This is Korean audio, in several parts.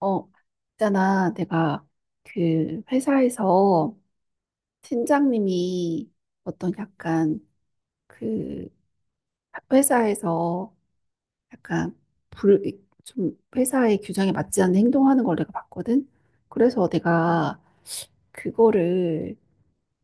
어, 있잖아. 내가 그 회사에서 팀장님이 어떤 약간 그 회사에서 약간 불, 좀 회사의 규정에 맞지 않는 행동하는 걸 내가 봤거든. 그래서 내가 그거를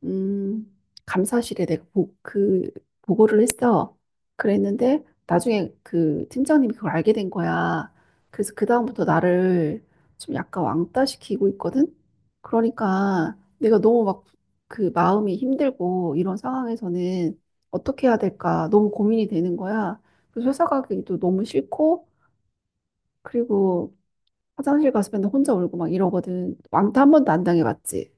음, 감사실에 내가 보, 그 보고를 했어. 그랬는데 나중에 그 팀장님이 그걸 알게 된 거야. 그래서 그다음부터 나를 좀 약간 왕따시키고 있거든. 그러니까 내가 너무 막 그 마음이 힘들고 이런 상황에서는 어떻게 해야 될까 너무 고민이 되는 거야. 그래서 회사 가기도 너무 싫고 그리고 화장실 가서 맨날 혼자 울고 막 이러거든. 왕따 한 번도 안 당해봤지.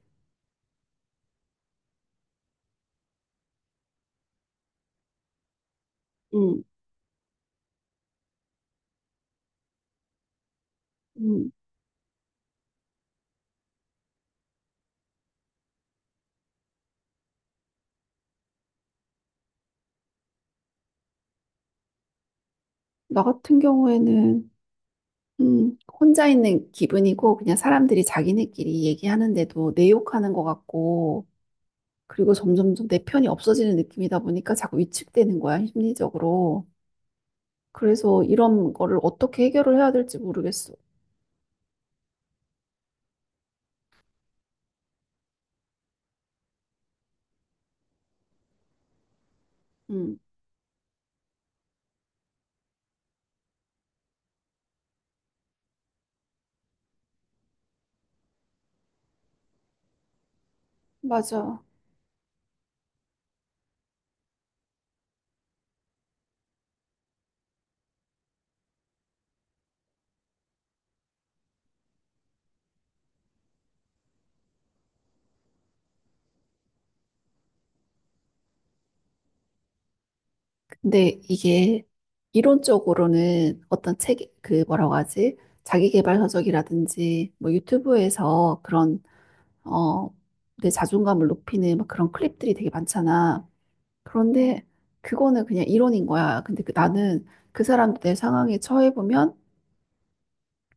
응, 응. 나 같은 경우에는 혼자 있는 기분이고 그냥 사람들이 자기네끼리 얘기하는데도 내 욕하는 것 같고 그리고 점점점 내 편이 없어지는 느낌이다 보니까 자꾸 위축되는 거야, 심리적으로. 그래서 이런 거를 어떻게 해결을 해야 될지 모르겠어. 음, 맞아. 근데 이게 이론적으로는 어떤 책, 그 뭐라고 하지? 자기계발 서적이라든지 뭐 유튜브에서 그런 어, 내 자존감을 높이는 막 그런 클립들이 되게 많잖아. 그런데 그거는 그냥 이론인 거야. 근데 그, 나는 그 사람 내 상황에 처해보면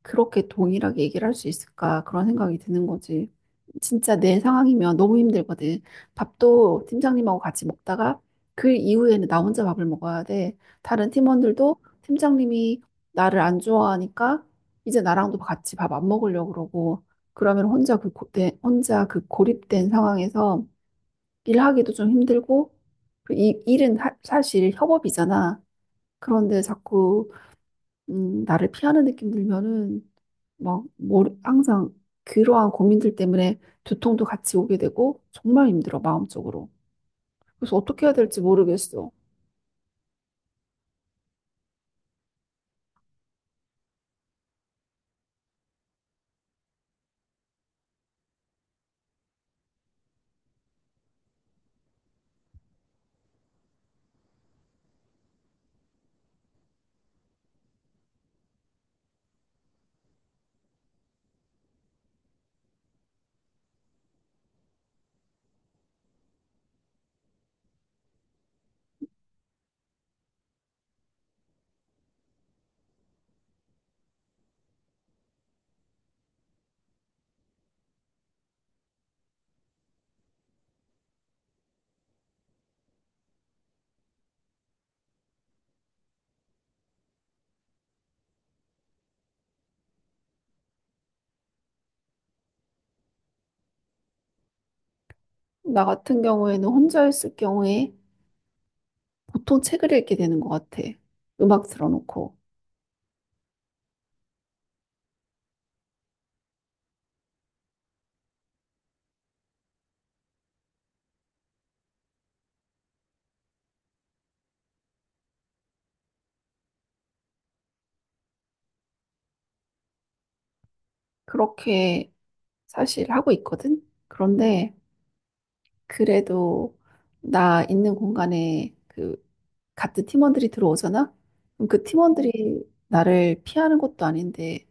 그렇게 동일하게 얘기를 할 수 있을까? 그런 생각이 드는 거지. 진짜 내 상황이면 너무 힘들거든. 밥도 팀장님하고 같이 먹다가 그 이후에는 나 혼자 밥을 먹어야 돼. 다른 팀원들도 팀장님이 나를 안 좋아하니까 이제 나랑도 같이 밥 안 먹으려고 그러고 그러면 혼자 혼자 그 고립된 상황에서 일하기도 좀 힘들고, 일은 사실 협업이잖아. 그런데 자꾸, 나를 피하는 느낌 들면은, 항상 그러한 고민들 때문에 두통도 같이 오게 되고, 정말 힘들어, 마음적으로. 그래서 어떻게 해야 될지 모르겠어. 나 같은 경우에는 혼자 있을 경우에 보통 책을 읽게 되는 것 같아. 음악 틀어놓고. 그렇게 사실 하고 있거든? 그런데, 그래도 나 있는 공간에 그 같은 팀원들이 들어오잖아? 그럼 그 팀원들이 나를 피하는 것도 아닌데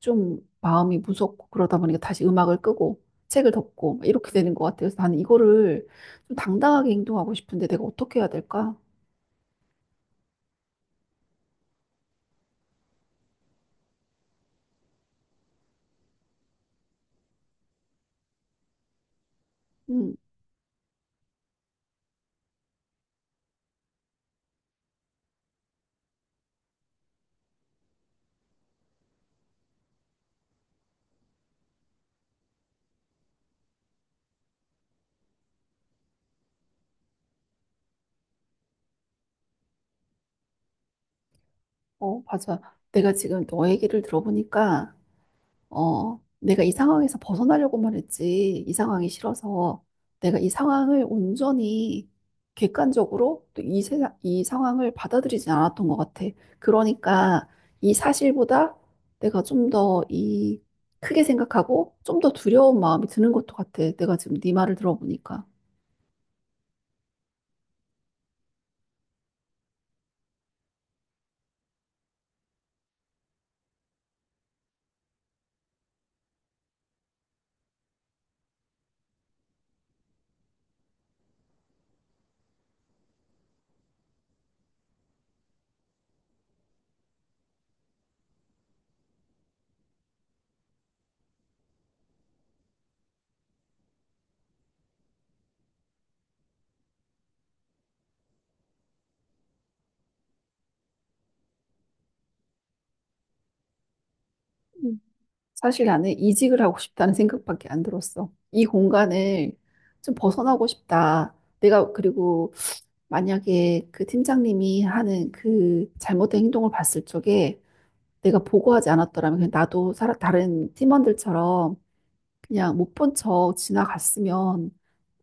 좀 마음이 무섭고 그러다 보니까 다시 음악을 끄고 책을 덮고 이렇게 되는 것 같아요. 그래서 나는 이거를 좀 당당하게 행동하고 싶은데 내가 어떻게 해야 될까? 음, 어, 맞아. 내가 지금 너 얘기를 들어보니까 내가 이 상황에서 벗어나려고 말했지. 이 상황이 싫어서 내가 이 상황을 온전히 객관적으로 또 이 세상, 이 상황을 받아들이지 않았던 것 같아. 그러니까 이 사실보다 내가 좀 더 이 크게 생각하고 좀 더 두려운 마음이 드는 것도 같아. 내가 지금 네 말을 들어보니까. 음. 사실 나는 이직을 하고 싶다는 생각밖에 안 들었어. 이 공간을 좀 벗어나고 싶다. 내가 그리고 만약에 그 팀장님이 하는 그 잘못된 행동을 봤을 적에 내가 보고하지 않았더라면 그냥 나도 살아, 다른 팀원들처럼 그냥 못 본 척 지나갔으면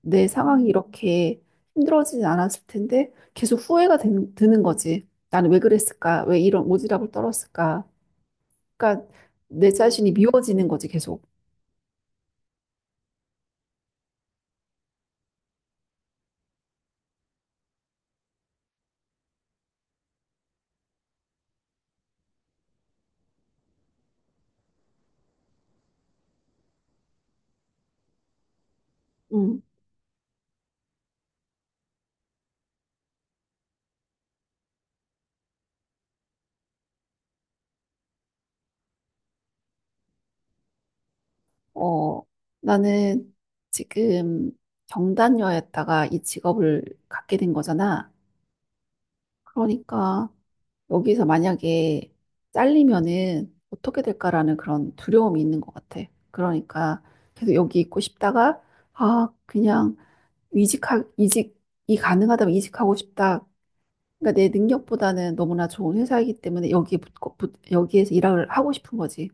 내 상황이 이렇게 힘들어지진 않았을 텐데 계속 드는 거지. 나는 왜 그랬을까? 왜 이런 오지랖을 떨었을까? 그러니까 내 자신이 미워지는 거지, 계속. 음. 어, 나는 지금 경단녀였다가 이 직업을 갖게 된 거잖아. 그러니까 여기서 만약에 잘리면은 어떻게 될까라는 그런 두려움이 있는 것 같아. 그러니까 계속 여기 있고 싶다가 아 그냥 이직하 이직이 가능하다면 이직하고 싶다. 그러니까 내 능력보다는 너무나 좋은 회사이기 때문에 여기 여기에서 일을 하고 싶은 거지.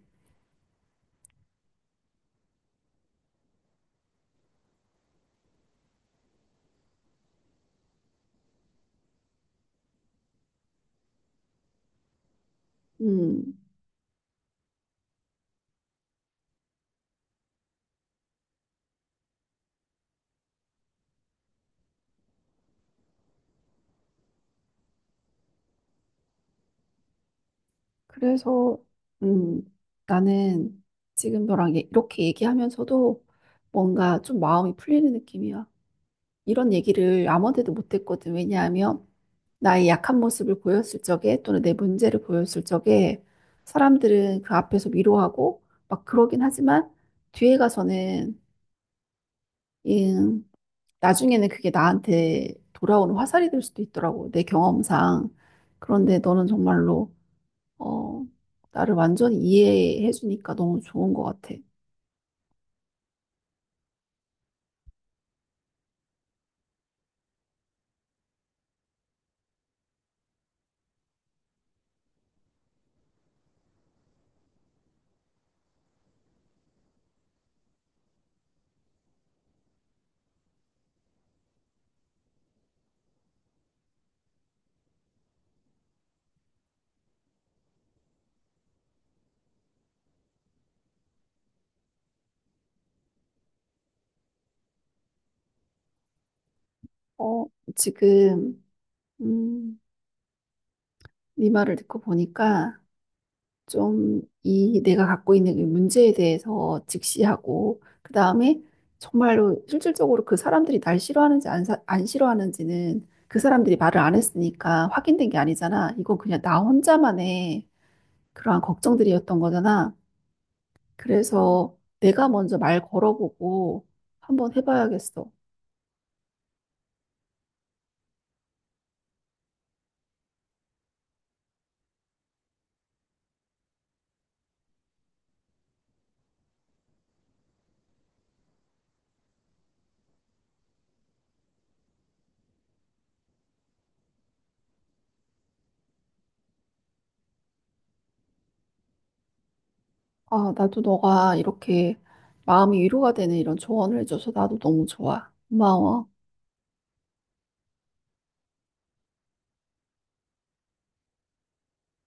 음, 그래서 음, 나는 지금 너랑 이렇게 얘기하면서도 뭔가 좀 마음이 풀리는 느낌이야. 이런 얘기를 아무한테도 못했거든. 왜냐하면 나의 약한 모습을 보였을 적에 또는 내 문제를 보였을 적에 사람들은 그 앞에서 위로하고 막 그러긴 하지만 뒤에 가서는 음, 나중에는 그게 나한테 돌아오는 화살이 될 수도 있더라고. 내 경험상. 그런데 너는 정말로 어, 나를 완전히 이해해 주니까 너무 좋은 것 같아. 어, 지금 음, 네 말을 듣고 보니까 좀 이 내가 갖고 있는 이 문제에 대해서 직시하고 그다음에 정말로 실질적으로 그 사람들이 날 싫어하는지 안 싫어하는지는 그 사람들이 말을 안 했으니까 확인된 게 아니잖아. 이건 그냥 나 혼자만의 그러한 걱정들이었던 거잖아. 그래서 내가 먼저 말 걸어보고 한번 해봐야겠어. 아, 나도 너가 이렇게 마음이 위로가 되는 이런 조언을 해줘서 나도 너무 좋아. 고마워.